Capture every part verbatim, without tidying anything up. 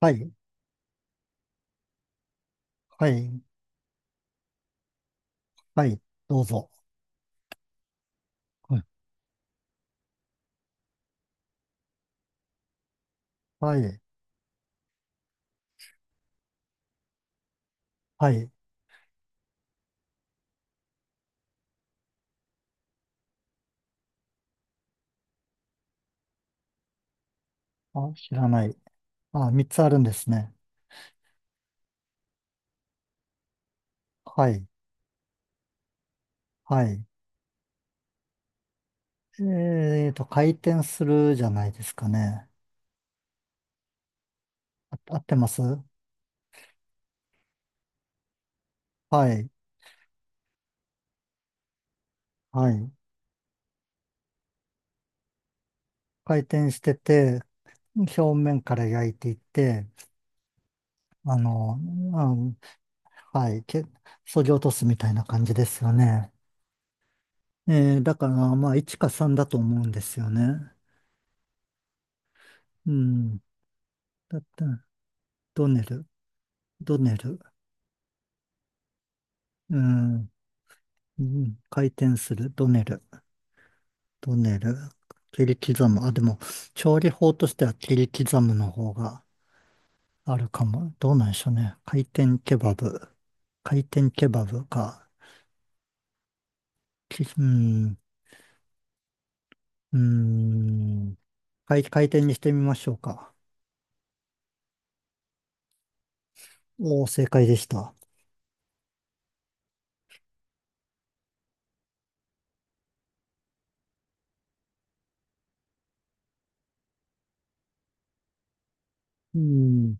はい、はい、はい、どうぞ。はいはい、はい。あ、知らない。あ、三つあるんですね。はい、はい。えーと、回転するじゃないですかね。あ、合ってます。はい、はい。回転してて、表面から焼いていって、あの、あ、はい、け、削ぎ落とすみたいな感じですよね。えー、だから、まあ、いちかさんだと思うんですよね。うん。だって、ドネル、ドネル。うん。うん、回転する、ドネル、ドネル、切り刻む。あ、でも、調理法としては切り刻むの方があるかも。どうなんでしょうね。回転ケバブ、回転ケバブか。き、うん、うん、回、回転にしてみましょうか。おお、正解でした。うん、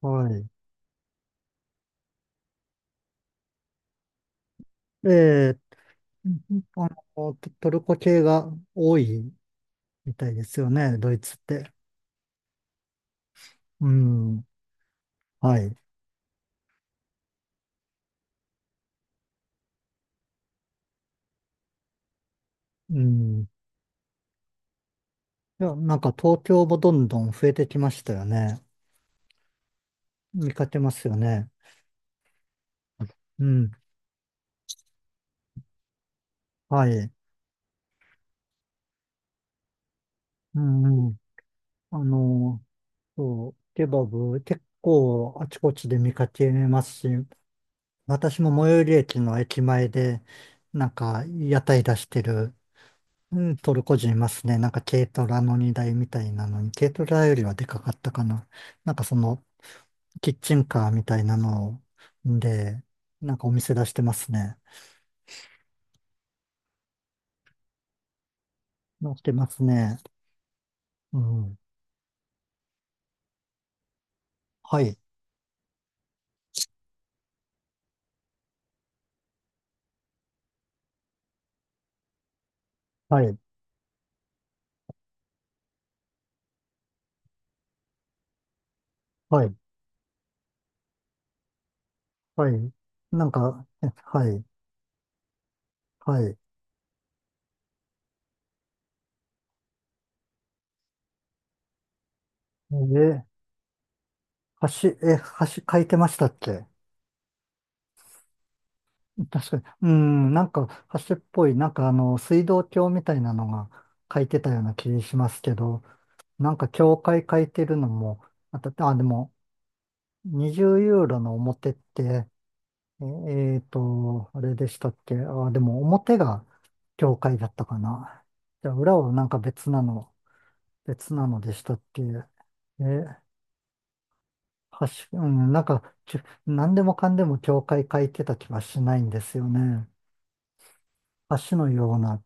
はい。えあの、トトルコ系が多いみたいですよね、ドイツって。うん、はい。うん、いや、なんか東京もどんどん増えてきましたよね。見かけますよね。うん。はい。うんうん。あの、そう、ケバブ結構あちこちで見かけますし、私も最寄り駅の駅前で、なんか屋台出してる、うん、トルコ人いますね。なんか軽トラの荷台みたいなのに、軽トラよりはでかかったかな。なんかそのキッチンカーみたいなので、なんかお店出してますね。出してますね。うん。はい、はい、はい、はい。なんか、えはい、はい。え、橋、え、橋書いてましたっけ？ 確かに。うん、なんか橋っぽい、なんかあの、水道橋みたいなのが書いてたような気しますけど、なんか教会書いてるのも、あた、あ、でも、にじゅうユーロの表って、ええーと、あれでしたっけ？あ、でも表が教会だったかな。じゃあ裏はなんか別なの、別なのでしたっけ？え確うん、なんか、ちゅ何でもかんでも教会書いてた気はしないんですよね。橋のような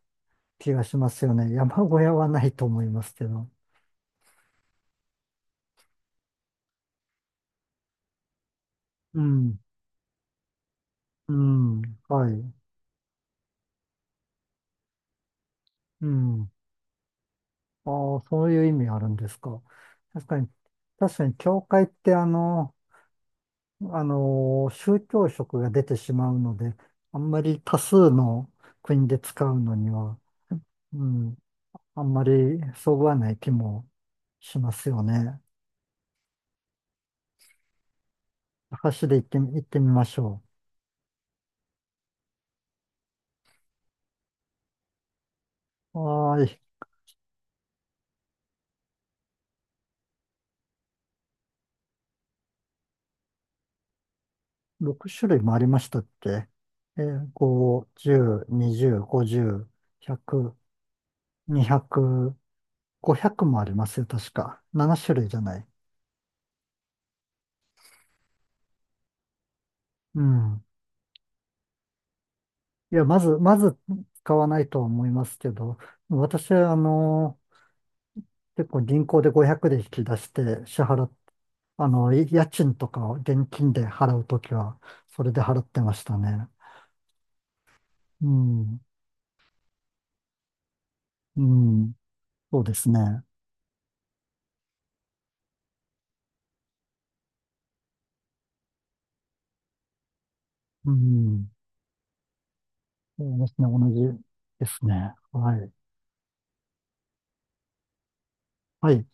気がしますよね。山小屋はないと思いますけど。うん、うん、はい、うん。ああ、そういう意味あるんですか。確かに、確かに教会ってあの、あの、宗教色が出てしまうので、あんまり多数の国で使うのには、うん、あんまりそぐわない気もしますよね。箸で行ってみ、行ってみましょう。はーい。ろくしゅるい種類もありましたっけ？えー、ご、じゅう、にじゅう、ごじゅう、ひゃく、にひゃく、ごひゃくもありますよ、確か。なな種類じゃない？うん。いや、まず、まず使わないとは思いますけど、私は、あの、結構銀行でごひゃくで引き出して支払っ、あの、い家賃とかを現金で払うときは、それで払ってましたね。うん。うん。そうですね。うん。そうですね、同じですね。はい。はい。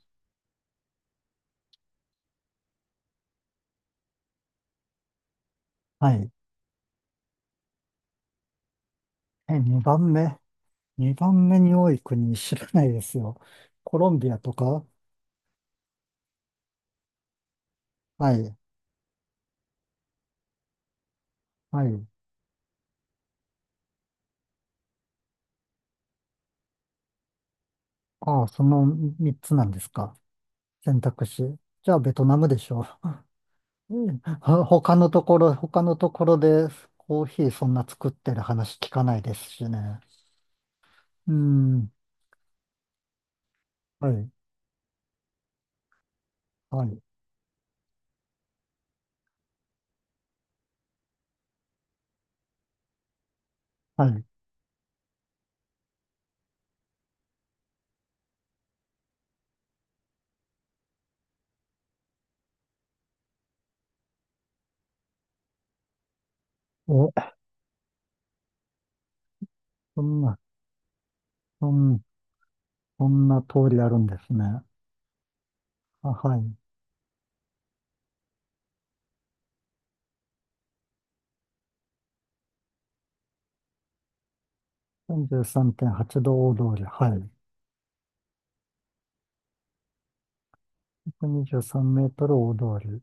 はい。え、にばんめ。にばんめに多い国知らないですよ。コロンビアとか。はい。はい。ああ、そのみっつなんですか。選択肢。じゃあ、ベトナムでしょう。うんほ 他のところ、他のところでコーヒーそんな作ってる話聞かないですしね。うん。はい。はい。はい。お、そんな、そん、そんな通りあるんですね。あ、はい。さんじゅうさんてんはちど大通り、はい。ひゃくにじゅうさんメートル大通り。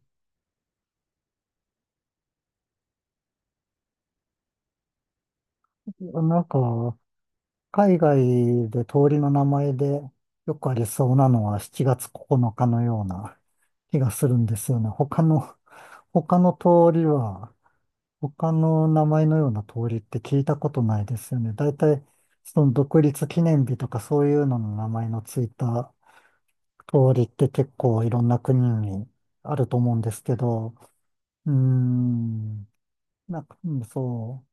なんか、海外で通りの名前でよくありそうなのはしちがつここのかのかのような気がするんですよね。他の、他の通りは、他の名前のような通りって聞いたことないですよね。大体、その独立記念日とかそういうのの名前のついた通りって結構いろんな国にあると思うんですけど、うーん。なんか、うん、そ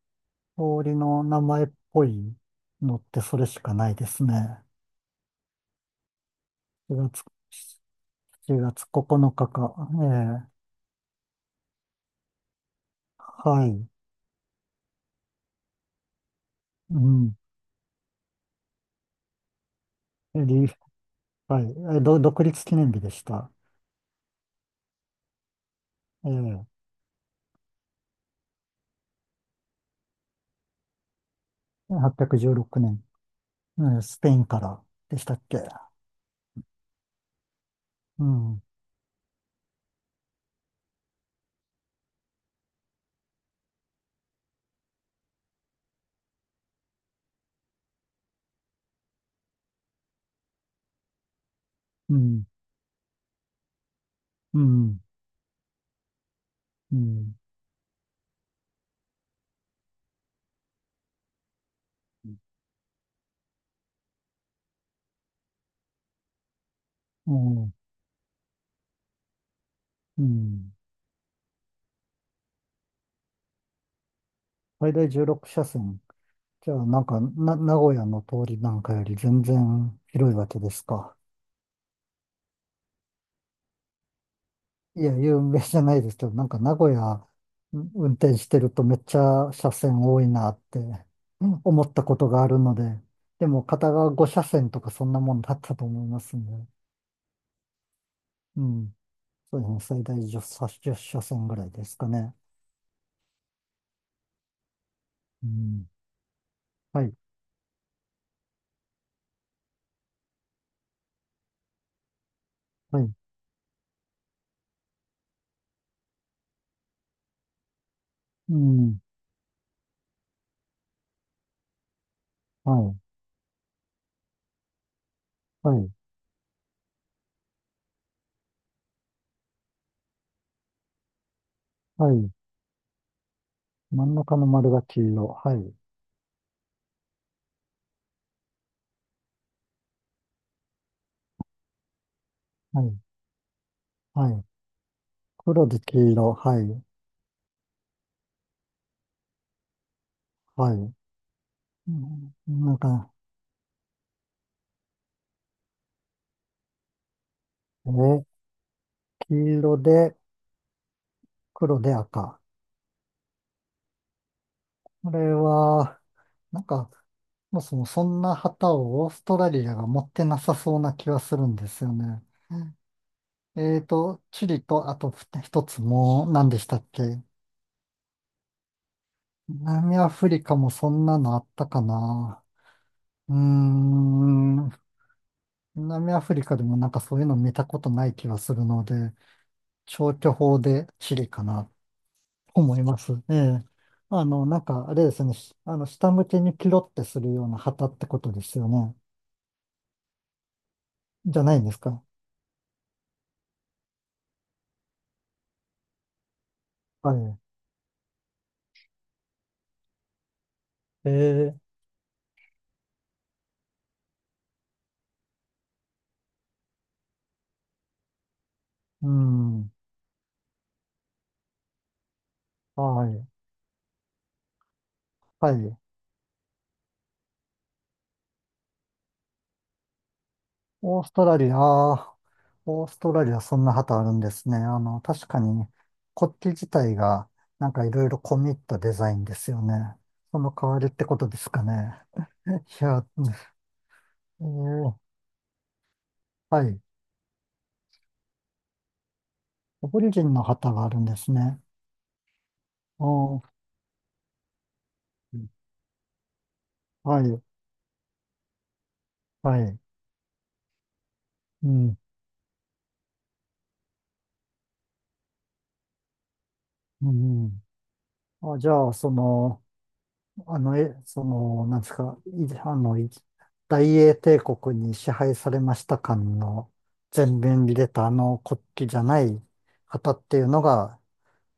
う、通りの名前っぽいのってそれしかないですね。しがつ、しちがつここのかかか。ええ、はい。うん。り、はい。え、ど、独立記念日でした。ええはっぴゃくじゅうろくねん、うん、スペインからでしたっけ？うん。うん。うん。うん。うん。うん、最大じゅうろく車線。じゃあ、なんか、な、名古屋の通りなんかより全然広いわけですか？いや、有名じゃないですけど、なんか名古屋ん運転してるとめっちゃ車線多いなって うん、思ったことがあるので、でも片側ご車線とかそんなもんだったと思いますね。うん。そうですね。最大10車、さじゅう車線ぐらいですかね。うん。はい。はい。うん。はい。はい。はい。真ん中の丸が黄色。はい。はい。はい。黒で黄色。はい。はい。うん、なんか、えー黄色で黒で赤。これは、なんか、そもそもそんな旗をオーストラリアが持ってなさそうな気はするんですよね。えーと、チリと、あと一つもう、何でしたっけ？南アフリカもそんなのあったかな。うーん、南アフリカでもなんかそういうの見たことない気はするので、消去法でチリかな、と思います。ええ。あの、なんか、あれですね、しあの、下向けにキロってするような旗ってことですよね。じゃないんですか？はい。えー、うん。はい。はい。オーストラリア、あーオーストラリアそんな旗あるんですね。あの、確かに国旗自体がなんかいろいろ込み入ったデザインですよね。その代わりってことですかね。いや、えー、はい。アボリジンの旗があるんですね。あーはい、はい。うん、うん。あ、じゃあ、その、あの、え、その、なんですか、いあの、い大英帝国に支配されました感の前面に出たあの国旗じゃない旗っていうのが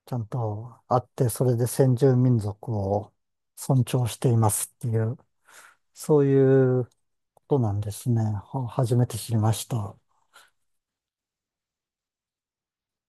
ちゃんとあって、それで先住民族を尊重していますっていう、そういうことなんですね。は初めて知りました。